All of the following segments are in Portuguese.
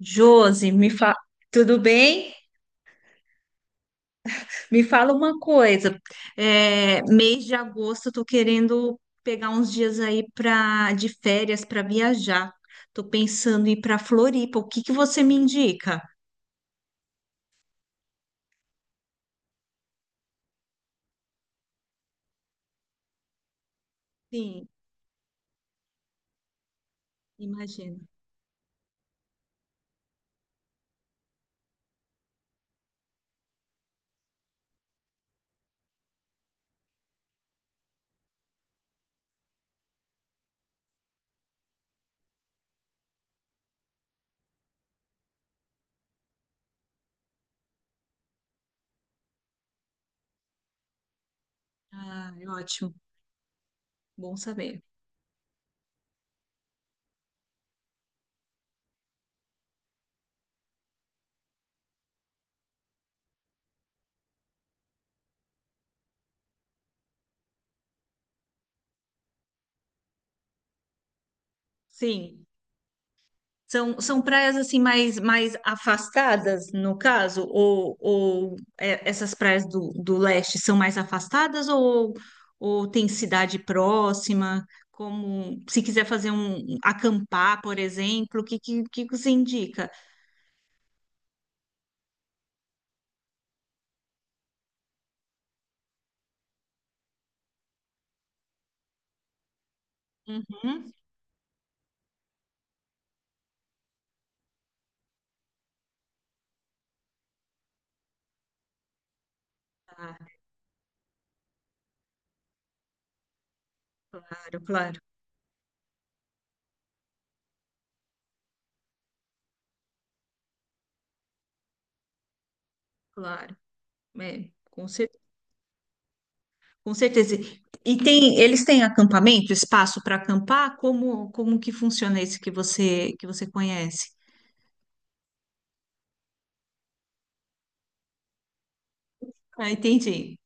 Josi, me fa... tudo bem? Me fala uma coisa. Mês de agosto, tô querendo pegar uns dias aí de férias para viajar. Tô pensando em ir para Floripa. O que que você me indica? Sim, imagino. Ah, é ótimo. Bom saber. Sim. São praias assim mais afastadas, no caso, ou essas praias do leste são mais afastadas ou tem cidade próxima? Como se quiser fazer acampar, por exemplo, o que você indica? Uhum. Claro, claro, claro. É, com cer- com certeza. E tem, eles têm acampamento, espaço para acampar? Como, como que funciona esse que você conhece? Ah, entendi.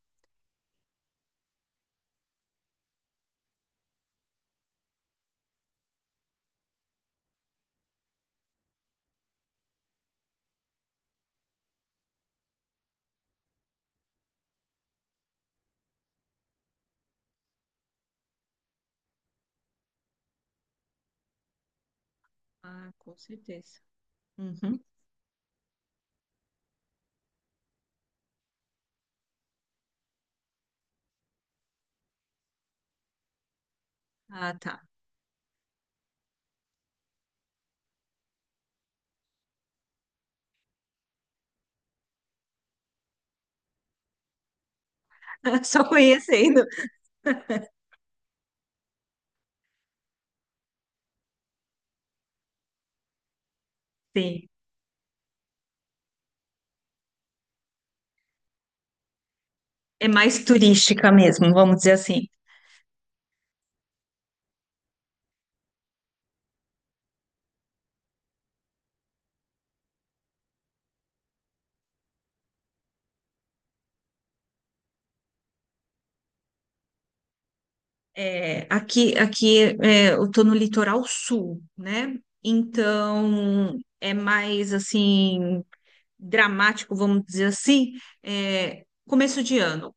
Ah, com certeza. Uhum. Ah, tá. Só conhecendo. Sim. É mais turística mesmo, vamos dizer assim. Aqui é, eu tô no litoral sul, né? Então é mais assim dramático, vamos dizer assim, começo de ano.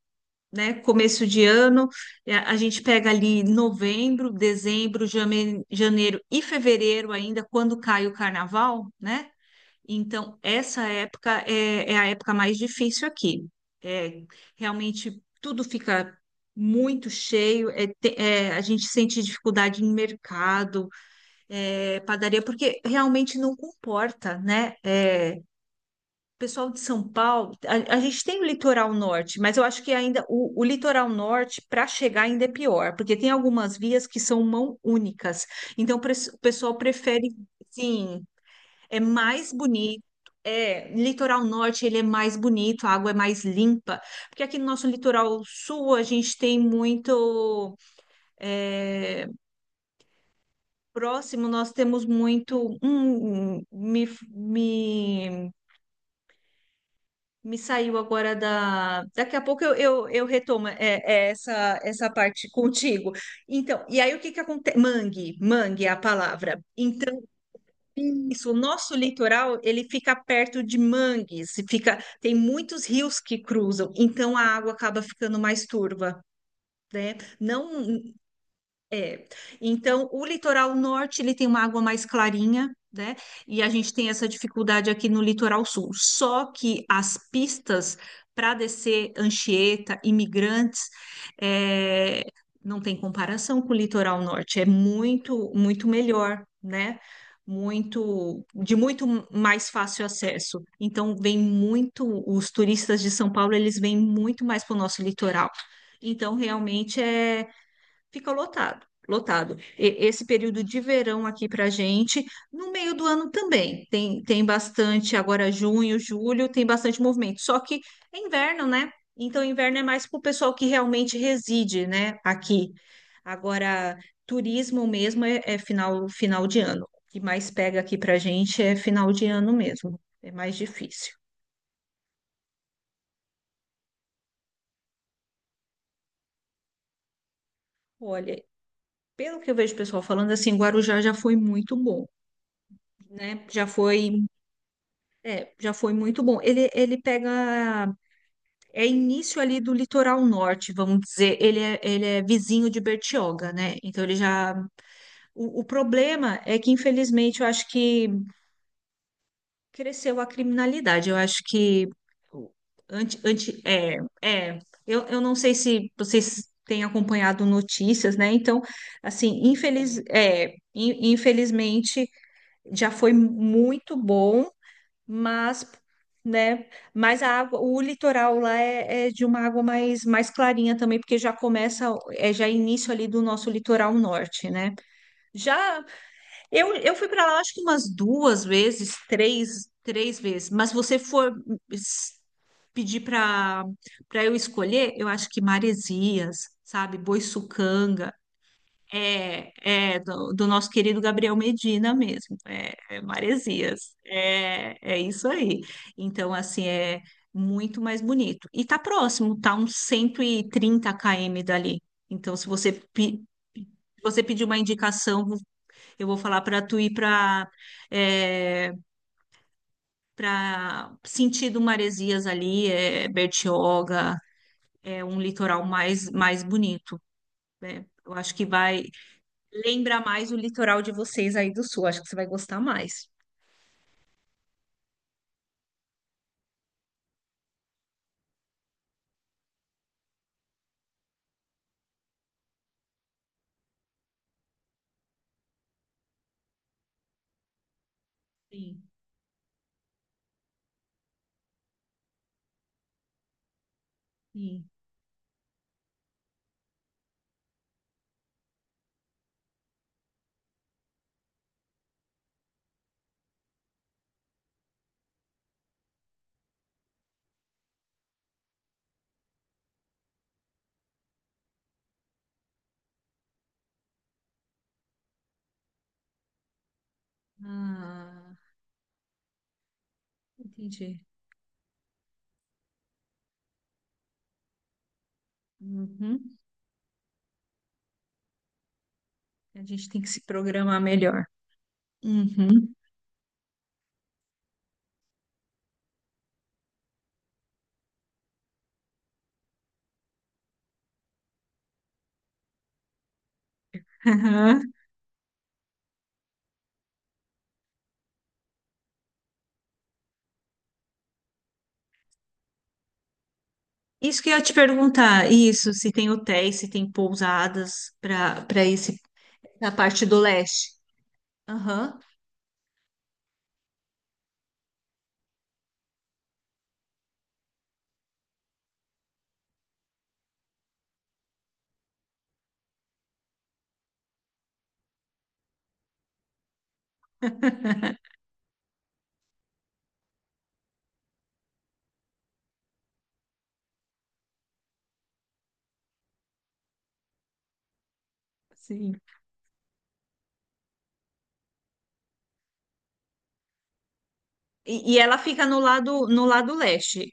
Né? Começo de ano, a gente pega ali novembro, dezembro, janeiro e fevereiro ainda, quando cai o carnaval, né? Então, essa época é a época mais difícil aqui. É, realmente tudo fica muito cheio, a gente sente dificuldade em mercado, padaria, porque realmente não comporta, né? É, pessoal de São Paulo, a gente tem o litoral norte, mas eu acho que ainda o litoral norte para chegar ainda é pior, porque tem algumas vias que são mão únicas. Então o pessoal prefere, sim, é mais bonito. É, litoral norte ele é mais bonito, a água é mais limpa, porque aqui no nosso litoral sul a gente tem muito é, próximo, nós temos muito Me saiu agora da. Daqui a pouco eu retomo é essa parte contigo. Então, e aí o que que acontece? Mangue, mangue é a palavra. Então, isso, o nosso litoral, ele fica perto de mangues, fica, tem muitos rios que cruzam, então a água acaba ficando mais turva, né? Não, é. Então, o litoral norte, ele tem uma água mais clarinha, né? E a gente tem essa dificuldade aqui no litoral sul. Só que as pistas para descer Anchieta, Imigrantes, é, não tem comparação com o litoral norte. É muito, muito melhor, né? Muito, de muito mais fácil acesso. Então, vem muito, os turistas de São Paulo, eles vêm muito mais para o nosso litoral. Então, realmente fica lotado, lotado. Esse período de verão aqui para gente, no meio do ano também, tem, tem bastante, agora junho, julho, tem bastante movimento, só que é inverno, né? Então, inverno é mais para o pessoal que realmente reside, né, aqui. Agora, turismo mesmo é final, final de ano. O que mais pega aqui para gente é final de ano mesmo, é mais difícil. Olha, pelo que eu vejo o pessoal falando, assim, Guarujá já foi muito bom, né? Já foi é, já foi muito bom. Ele pega, é início ali do litoral norte, vamos dizer. Ele é vizinho de Bertioga, né? Então ele já. O problema é que, infelizmente, eu acho que cresceu a criminalidade. Eu acho que. Anti, anti, é, é, eu não sei se vocês têm acompanhado notícias, né? Então, assim, infelizmente já foi muito bom mas, né, mas a água, o litoral lá é de uma água mais clarinha também, porque já começa, é já início ali do nosso litoral norte, né? Já, eu fui para lá acho que umas duas vezes, três vezes, mas você for es- pedir para eu escolher, eu acho que Maresias, sabe, Boiçucanga, é, é do nosso querido Gabriel Medina mesmo, é Maresias, é isso aí. Então, assim, é muito mais bonito. E tá próximo, tá uns 130 km dali. Então, se você pedir uma indicação, eu vou falar para tu ir para sentido Maresias ali, é Bertioga, é um litoral mais bonito. Eu acho que vai, Lembra mais o litoral de vocês aí do sul. Acho que você vai gostar mais. Sim, sim. Ah, entendi. Uhum. A gente tem que se programar melhor. Uhum. Aham. Isso que eu ia te perguntar, isso, se tem hotéis, se tem pousadas para esse na parte do leste. Aham. Sim. E ela fica no lado no lado leste.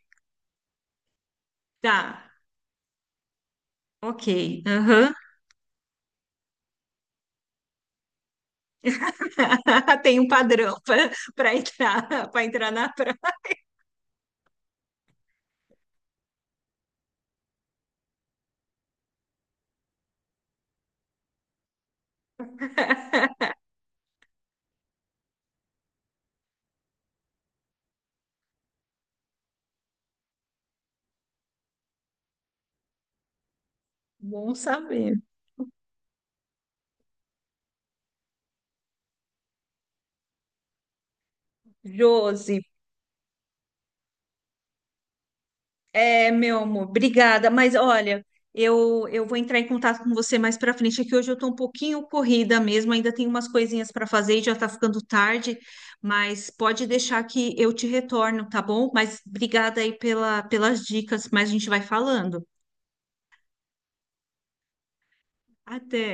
Tá. Ok. Aham. Tem um padrão para entrar na praia. Bom saber. Josi, meu amor, obrigada. Mas olha, eu vou entrar em contato com você mais pra frente, é que hoje eu tô um pouquinho corrida mesmo, ainda tenho umas coisinhas pra fazer e já tá ficando tarde, mas pode deixar que eu te retorno, tá bom? Mas obrigada aí pela, pelas dicas, mas a gente vai falando. Até.